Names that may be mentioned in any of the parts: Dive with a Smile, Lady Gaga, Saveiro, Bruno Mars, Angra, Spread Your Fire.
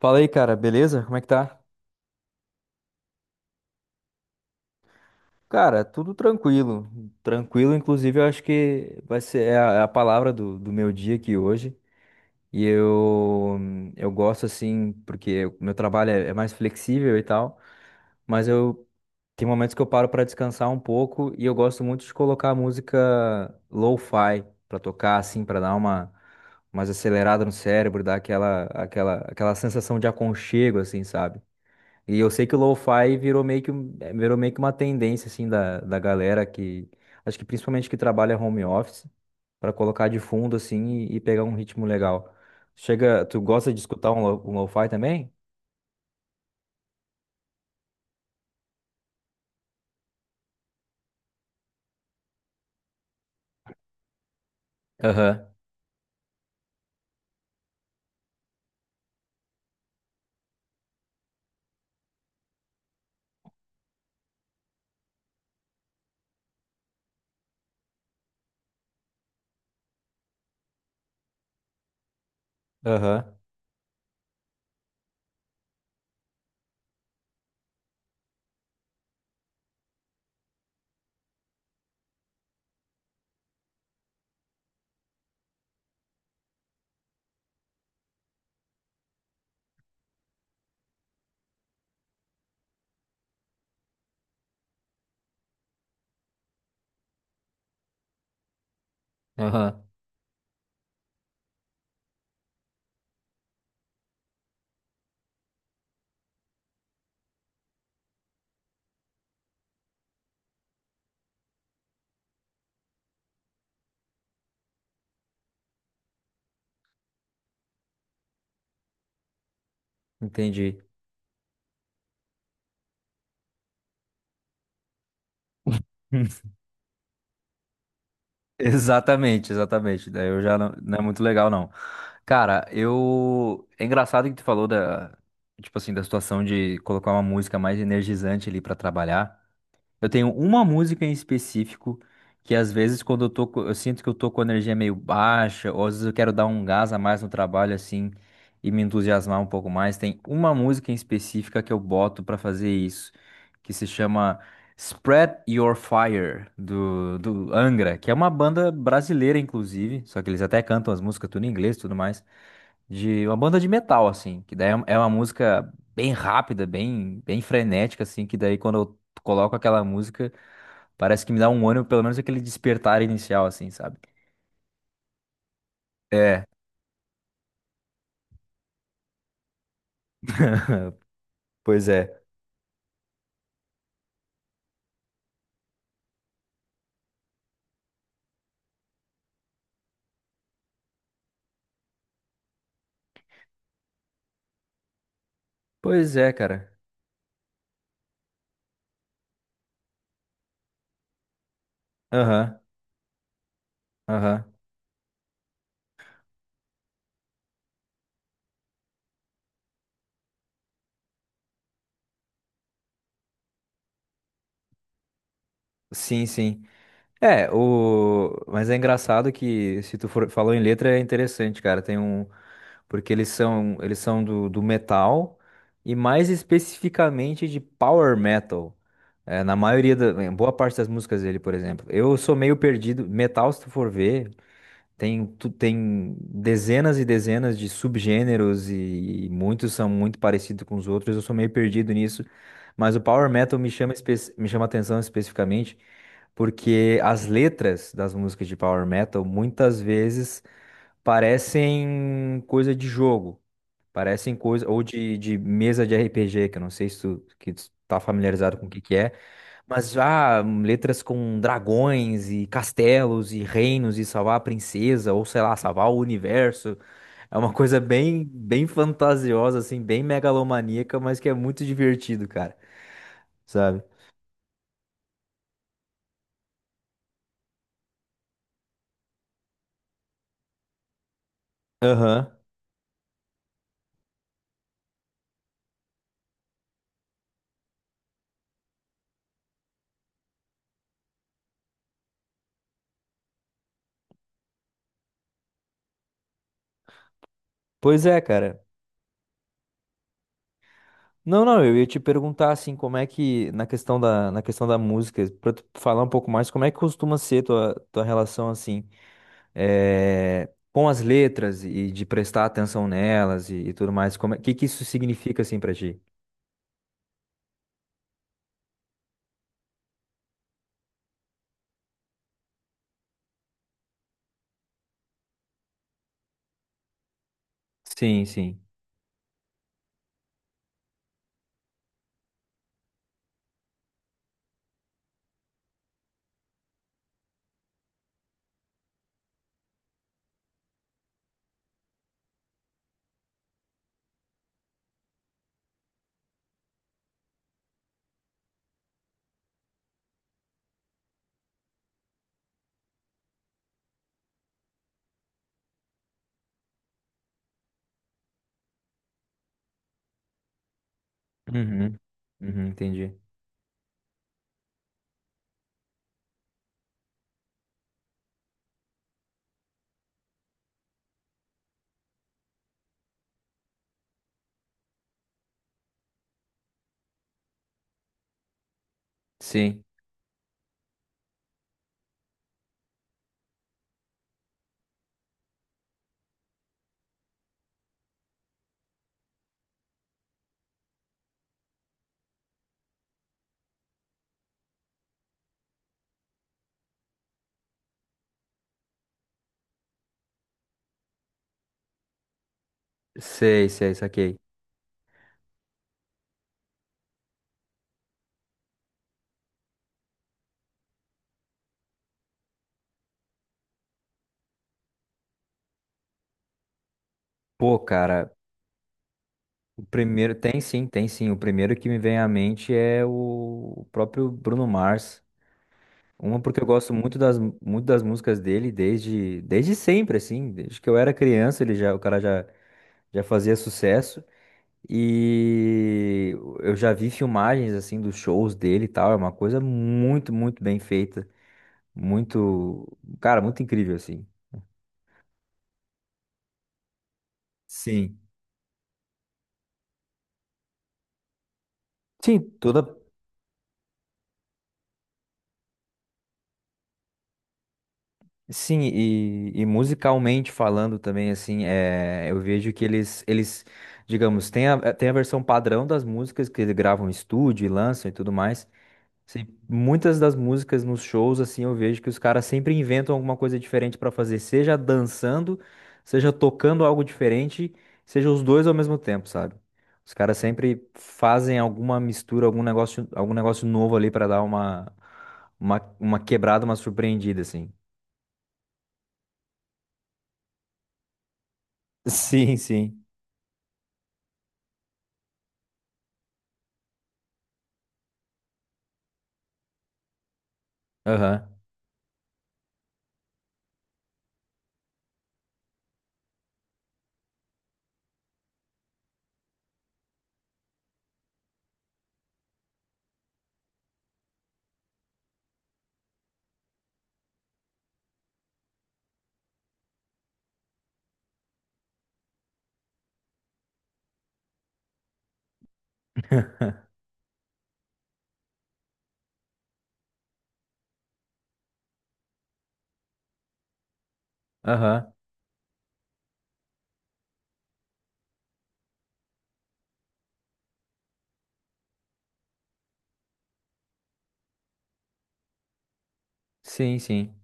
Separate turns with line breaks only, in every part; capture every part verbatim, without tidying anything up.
Fala aí, cara, beleza? Como é que tá? Cara, tudo tranquilo. Tranquilo, inclusive, eu acho que vai ser é a, é a palavra do, do meu dia aqui hoje. E eu, eu gosto assim, porque o meu trabalho é, é mais flexível e tal, mas eu tem momentos que eu paro pra descansar um pouco e eu gosto muito de colocar música lo-fi pra tocar assim, pra dar uma mais acelerada no cérebro, dar aquela aquela aquela sensação de aconchego assim, sabe? E eu sei que o lo-fi virou meio que, um- eh, virou meio que uma tendência, assim, da, da galera que... Acho que principalmente que trabalha home office, para colocar de fundo, assim, e, e pegar um ritmo legal. Chega... Tu gosta de escutar um, lo- um lo-fi também? Aham, aham, aham. Entendi. Exatamente, exatamente. Daí eu já não, não é muito legal, não. Cara, eu. É engraçado que tu falou da. Tipo assim, da situação de colocar uma música mais energizante ali pra trabalhar. Eu tenho uma música em específico que às vezes quando eu tô, co- eu sinto que eu tô com a energia meio baixa, ou às vezes eu quero dar um gás a mais no trabalho assim e me entusiasmar um pouco mais. Tem uma música em específica que eu boto pra fazer isso, que se chama Spread Your Fire do, do Angra, que é uma banda brasileira inclusive, só que eles até cantam as músicas tudo em inglês, e tudo mais, de uma banda de metal assim, que daí é é uma música bem rápida, bem bem frenética assim, que daí quando eu coloco aquela música, parece que me dá um ânimo, pelo menos aquele despertar inicial, assim, sabe? É, pois é. Pois é, cara. Aham, aham. Sim, sim. É, o... mas é engraçado que se tu for... falou em letra é interessante, cara. Tem um. Porque eles são, eles são do, do metal e mais especificamente de power metal. É, na maioria da. Em boa parte das músicas dele, por exemplo. Eu sou meio perdido. Metal, se tu for ver, tem, tu- tem dezenas e dezenas de subgêneros e, e muitos são muito parecidos com os outros. Eu sou meio perdido nisso, mas o Power Metal me chama, espe- me chama atenção especificamente porque as letras das músicas de Power Metal muitas vezes parecem coisa de jogo, parecem coisa ou de, de mesa de R P G, que eu não sei se tu, que tu tá familiarizado com o que que é. Mas já letras com dragões e castelos e reinos e salvar a princesa, ou sei lá, salvar o universo. É uma coisa bem, bem fantasiosa, assim, bem megalomaníaca, mas que é muito divertido, cara. Sabe? Aham. Pois é, cara. Não, não, eu ia te perguntar assim, como é que, na questão da, na questão da música, pra tu falar um pouco mais, como é que costuma ser tua, tua relação assim, eh, com as letras e de prestar atenção nelas e, e tudo mais, como é, que que isso significa assim pra ti? Sim, sim. Uhum. Uhum, entendi. Sim. Sei, sei, saquei. Pô, cara, o primeiro. Tem sim, tem sim. O primeiro que me vem à mente é o o próprio Bruno Mars. Uma porque eu gosto muito das, muito das músicas dele desde, desde sempre, assim. Desde que eu era criança, ele já, o cara já, já fazia sucesso. E eu já vi filmagens, assim, dos shows dele e tal. É uma coisa muito, muito bem feita. Muito. Cara, muito incrível, assim. Sim. Sim, toda. Sim, e, e musicalmente falando também, assim, é, eu vejo que eles, eles, digamos, tem a, tem a versão padrão das músicas que eles gravam em estúdio e lançam e tudo mais. Sim, muitas das músicas nos shows, assim, eu vejo que os caras sempre inventam alguma coisa diferente pra fazer, seja dançando, seja tocando algo diferente, seja os dois ao mesmo tempo, sabe? Os caras sempre fazem alguma mistura, algum negócio, algum negócio novo ali pra dar uma, uma, uma quebrada, uma surpreendida, assim. Sim, sim. Aham. Aham. Sim, sim.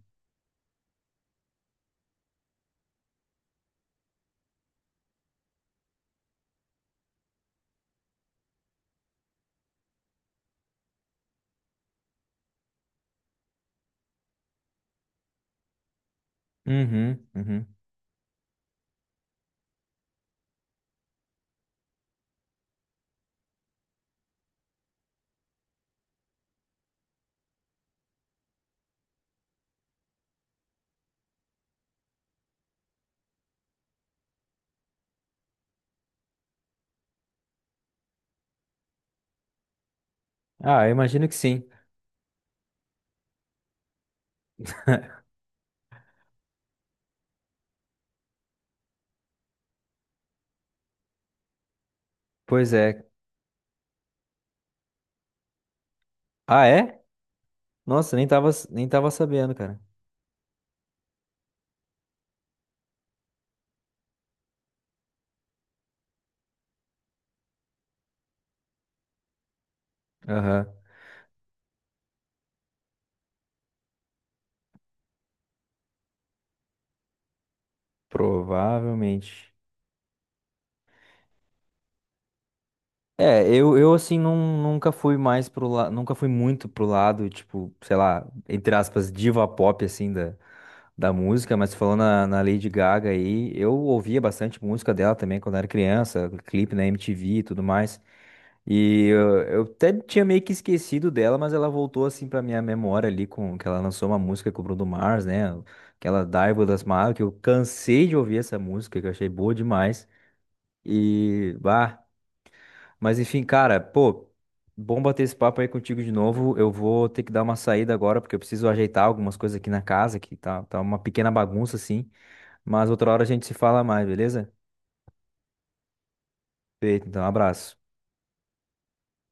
Uhum, uhum. Ah, eu imagino que sim. Pois é. Ah, é? Nossa, nem tava, nem tava sabendo, cara. Aham. Provavelmente. É, eu, eu assim não nunca fui mais pro lado, nunca fui muito pro lado, tipo, sei lá, entre aspas, diva pop assim da, da música, mas falando na, na Lady Gaga aí, eu ouvia bastante música dela também quando era criança, clipe na M T V e tudo mais. E eu, eu até tinha meio que esquecido dela, mas ela voltou assim pra minha memória ali com que ela lançou uma música com o Bruno Mars, né? Aquela Dive with a Smile, que eu cansei de ouvir essa música, que eu achei boa demais. E, bah, mas enfim, cara, pô, bom bater esse papo aí contigo de novo. Eu vou ter que dar uma saída agora, porque eu preciso ajeitar algumas coisas aqui na casa, que tá, tá uma pequena bagunça, assim. Mas outra hora a gente se fala mais, beleza? Feito, então, abraço.